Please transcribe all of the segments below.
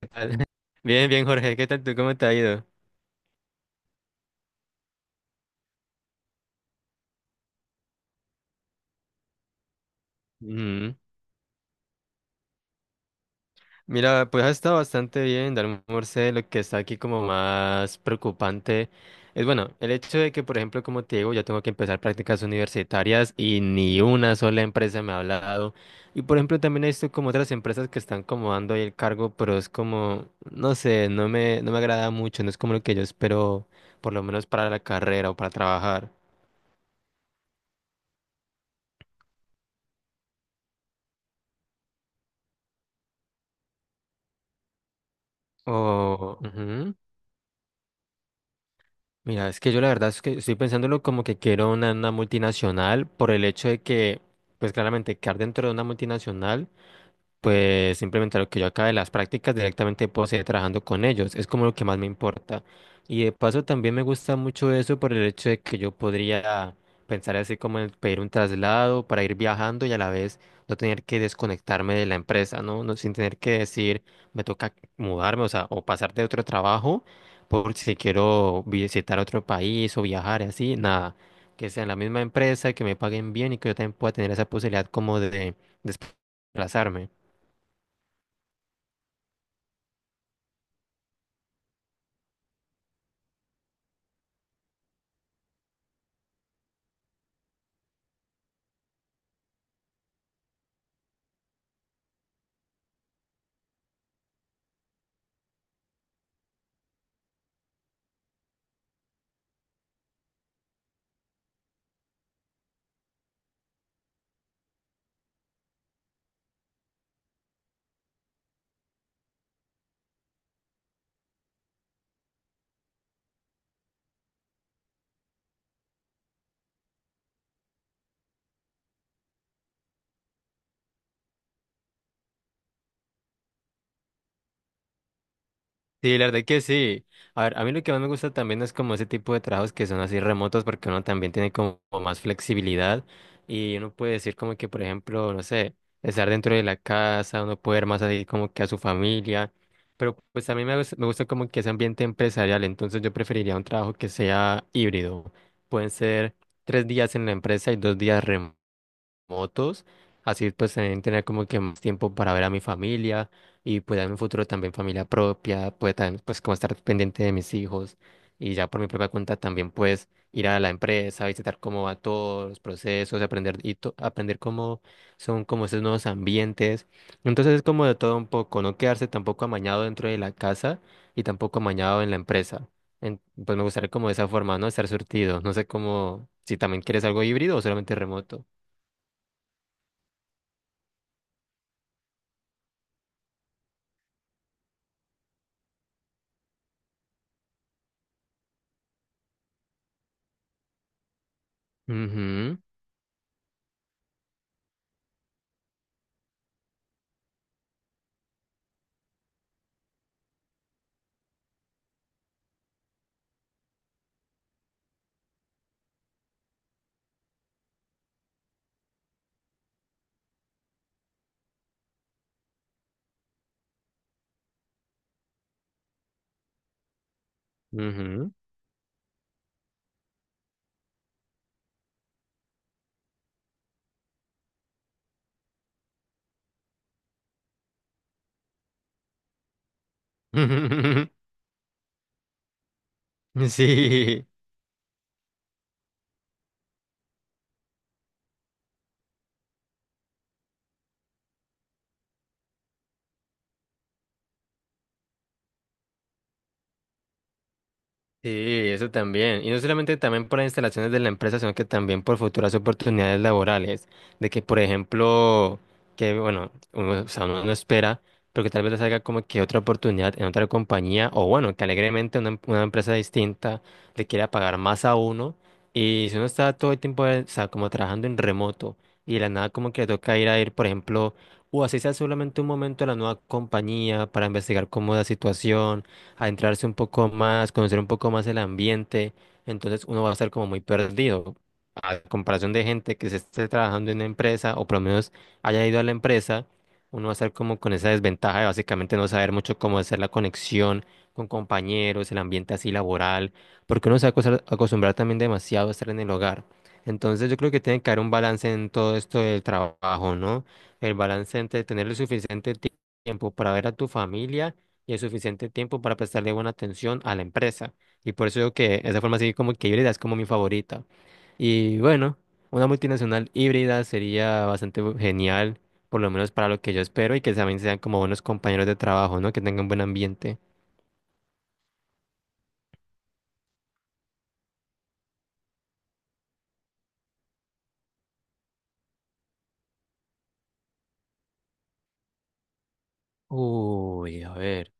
Tal. Bien, bien, Jorge, ¿qué tal tú? ¿Cómo te ha ido? Ujú. Mira, pues ha estado bastante bien, Dalmor Morse, lo que está aquí como más preocupante es, bueno, el hecho de que, por ejemplo, como te digo, ya tengo que empezar prácticas universitarias y ni una sola empresa me ha hablado. Y, por ejemplo, también he visto como otras empresas que están como dando ahí el cargo, pero es como, no sé, no me agrada mucho, no es como lo que yo espero, por lo menos para la carrera o para trabajar. O... ujú. Mira, es que yo la verdad es que estoy pensándolo como que quiero una multinacional por el hecho de que, pues claramente, quedar dentro de una multinacional. Pues simplemente lo que yo acabe las prácticas directamente puedo seguir trabajando con ellos. Es como lo que más me importa. Y de paso también me gusta mucho eso por el hecho de que yo podría pensar así como en pedir un traslado para ir viajando y a la vez no tener que desconectarme de la empresa, ¿no? No sin tener que decir me toca mudarme, o sea, o pasar de otro trabajo por si quiero visitar otro país o viajar y así, nada. Que sea en la misma empresa, que me paguen bien y que yo también pueda tener esa posibilidad como de desplazarme. Sí, la verdad que sí. A ver, a mí lo que más me gusta también es como ese tipo de trabajos que son así remotos porque uno también tiene como más flexibilidad y uno puede decir como que, por ejemplo, no sé, estar dentro de la casa, uno puede ver más así como que a su familia, pero pues a mí me gusta como que ese ambiente empresarial, entonces yo preferiría un trabajo que sea híbrido. Pueden ser tres días en la empresa y dos días remotos motos, así pues también tener como que más tiempo para ver a mi familia y pues en un futuro también familia propia, pues también pues como estar pendiente de mis hijos y ya por mi propia cuenta también pues ir a la empresa, visitar cómo va todos los procesos, aprender cómo son como esos nuevos ambientes. Entonces es como de todo un poco, no quedarse tampoco amañado dentro de la casa y tampoco amañado en la empresa. Pues me gustaría como de esa forma, ¿no? Estar surtido. No sé cómo, si también quieres algo híbrido o solamente remoto. Ujú, ujú. Sí, sí, eso también. Y no solamente también por las instalaciones de la empresa, sino que también por futuras oportunidades laborales. De que, por ejemplo, que, bueno, uno, o sea, uno no espera, pero que tal vez le salga como que otra oportunidad en otra compañía, o bueno, que alegremente una empresa distinta le quiera pagar más a uno. Y si uno está todo el tiempo, o sea, como trabajando en remoto, y de la nada como que le toca ir, por ejemplo, o así sea solamente un momento a la nueva compañía para investigar cómo es la situación adentrarse un poco más, conocer un poco más el ambiente, entonces uno va a estar como muy perdido. A comparación de gente que se esté trabajando en una empresa o por lo menos haya ido a la empresa, uno va a estar como con esa desventaja de básicamente no saber mucho cómo hacer la conexión con compañeros, el ambiente así laboral, porque uno se va a acostumbrar también demasiado a estar en el hogar. Entonces yo creo que tiene que haber un balance en todo esto del trabajo, ¿no? El balance entre tener el tiempo para ver a tu familia y hay suficiente tiempo para prestarle buena atención a la empresa. Y por eso digo que esa forma así como que híbrida es como mi favorita. Y bueno, una multinacional híbrida sería genial, por lo menos para lo que yo espero, y que también sean como buenos compañeros de trabajo, ¿no? Que tengan buen ambiente. Uy, a ver.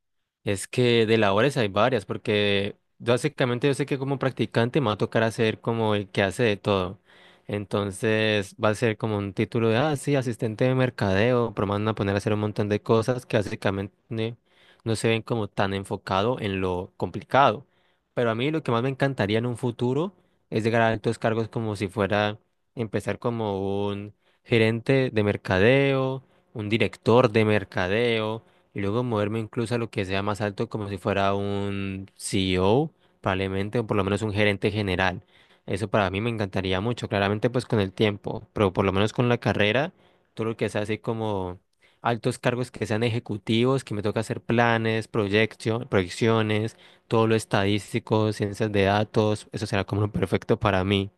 Es que de labores hay varias, porque básicamente yo sé que como practicante me va a tocar hacer como el que hace de todo. Entonces va a ser como un título de, ah, sí, asistente de mercadeo, pero me van a poner a hacer un montón de cosas que básicamente no se ven como tan enfocado en lo complicado. Pero a mí lo que más me encantaría en un futuro es llegar a altos cargos como si fuera empezar como un gerente de mercadeo, un director de mercadeo y luego moverme incluso a lo que sea más alto, como si fuera un CEO, probablemente, o por lo menos un gerente general. Eso para mí me encantaría mucho, claramente pues con el tiempo, pero por lo menos con la carrera, todo lo que sea así como altos cargos que sean ejecutivos, que me toca hacer planes, proyecciones, todo lo estadístico, ciencias de datos, eso será como lo perfecto para mí.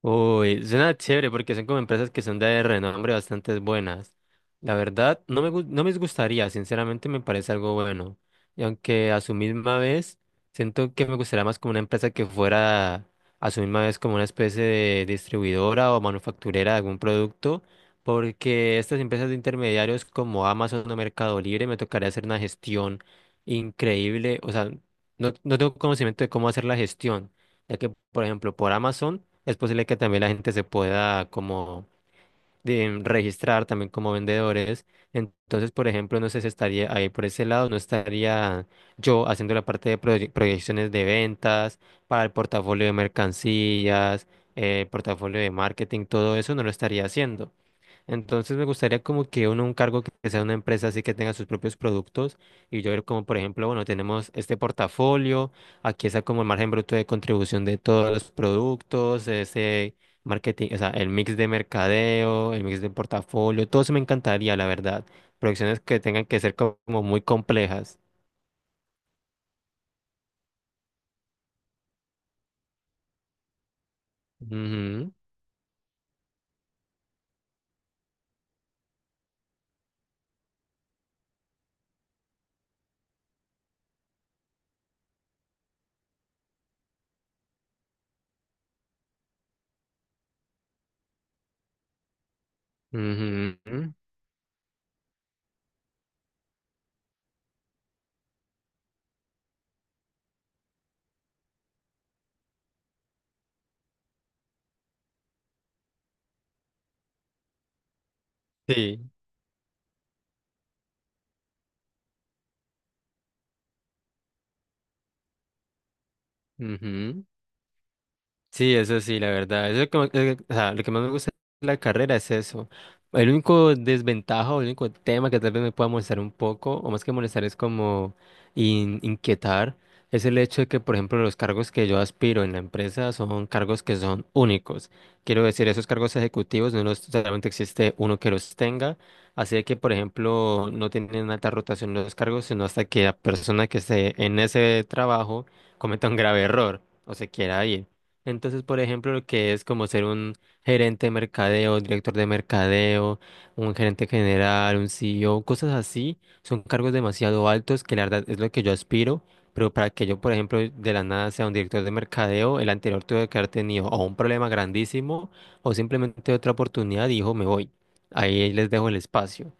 Uy, suena chévere porque son como empresas que son de renombre bastante buenas. La verdad, no me gustaría, sinceramente me parece algo bueno. Y aunque a su misma vez, siento que me gustaría más como una empresa que fuera a su misma vez como una especie de distribuidora o manufacturera de algún producto, porque estas empresas de intermediarios como Amazon o Mercado Libre me tocaría hacer una gestión increíble. O sea, no tengo conocimiento de cómo hacer la gestión ya que, por ejemplo, por Amazon es posible que también la gente se pueda como registrar también como vendedores. Entonces, por ejemplo, no sé si estaría ahí por ese lado, no estaría yo haciendo la parte de proyecciones de ventas para el portafolio de mercancías, portafolio de marketing, todo eso no lo estaría haciendo. Entonces me gustaría como que uno, un cargo que sea una empresa así que tenga sus propios productos y yo ver como por ejemplo, bueno, tenemos este portafolio, aquí está como el margen bruto de contribución de todos los productos, ese marketing, o sea, el mix de mercadeo, el mix de portafolio, todo eso me encantaría, la verdad. Producciones que tengan que ser como muy complejas. Ujú, ujú, sí. Ujú. Sí, eso sí, la verdad. Eso es como- o sea, lo que más me gusta de la carrera es eso. El único desventaja o el único tema que tal vez me pueda molestar un poco, o más que molestar, es como inquietar, es el hecho de que, por ejemplo, los cargos que yo aspiro en la empresa son cargos que son únicos. Quiero decir, esos cargos ejecutivos no los, solamente existe uno que los tenga. Así de que, por ejemplo, no tienen alta rotación los cargos, sino hasta que la persona que esté en ese trabajo cometa un grave error o se quiera ir. Entonces, por ejemplo, lo que es como ser un gerente de mercadeo, director de mercadeo, un gerente general, un CEO, cosas así, son cargos demasiado altos que la verdad es lo que yo aspiro, pero para que yo, por ejemplo, de la nada sea un director de mercadeo, el anterior tuve que haber tenido o un problema grandísimo o simplemente otra oportunidad y dijo, me voy. Ahí les dejo el espacio.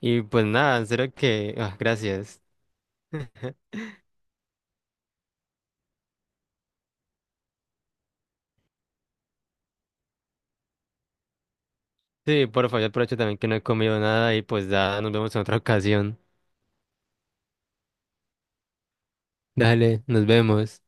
Y pues nada, en serio que, ah, gracias. Sí, por favor, aprovecho también que no he comido nada y pues ya nos vemos en otra ocasión. Dale, nos vemos.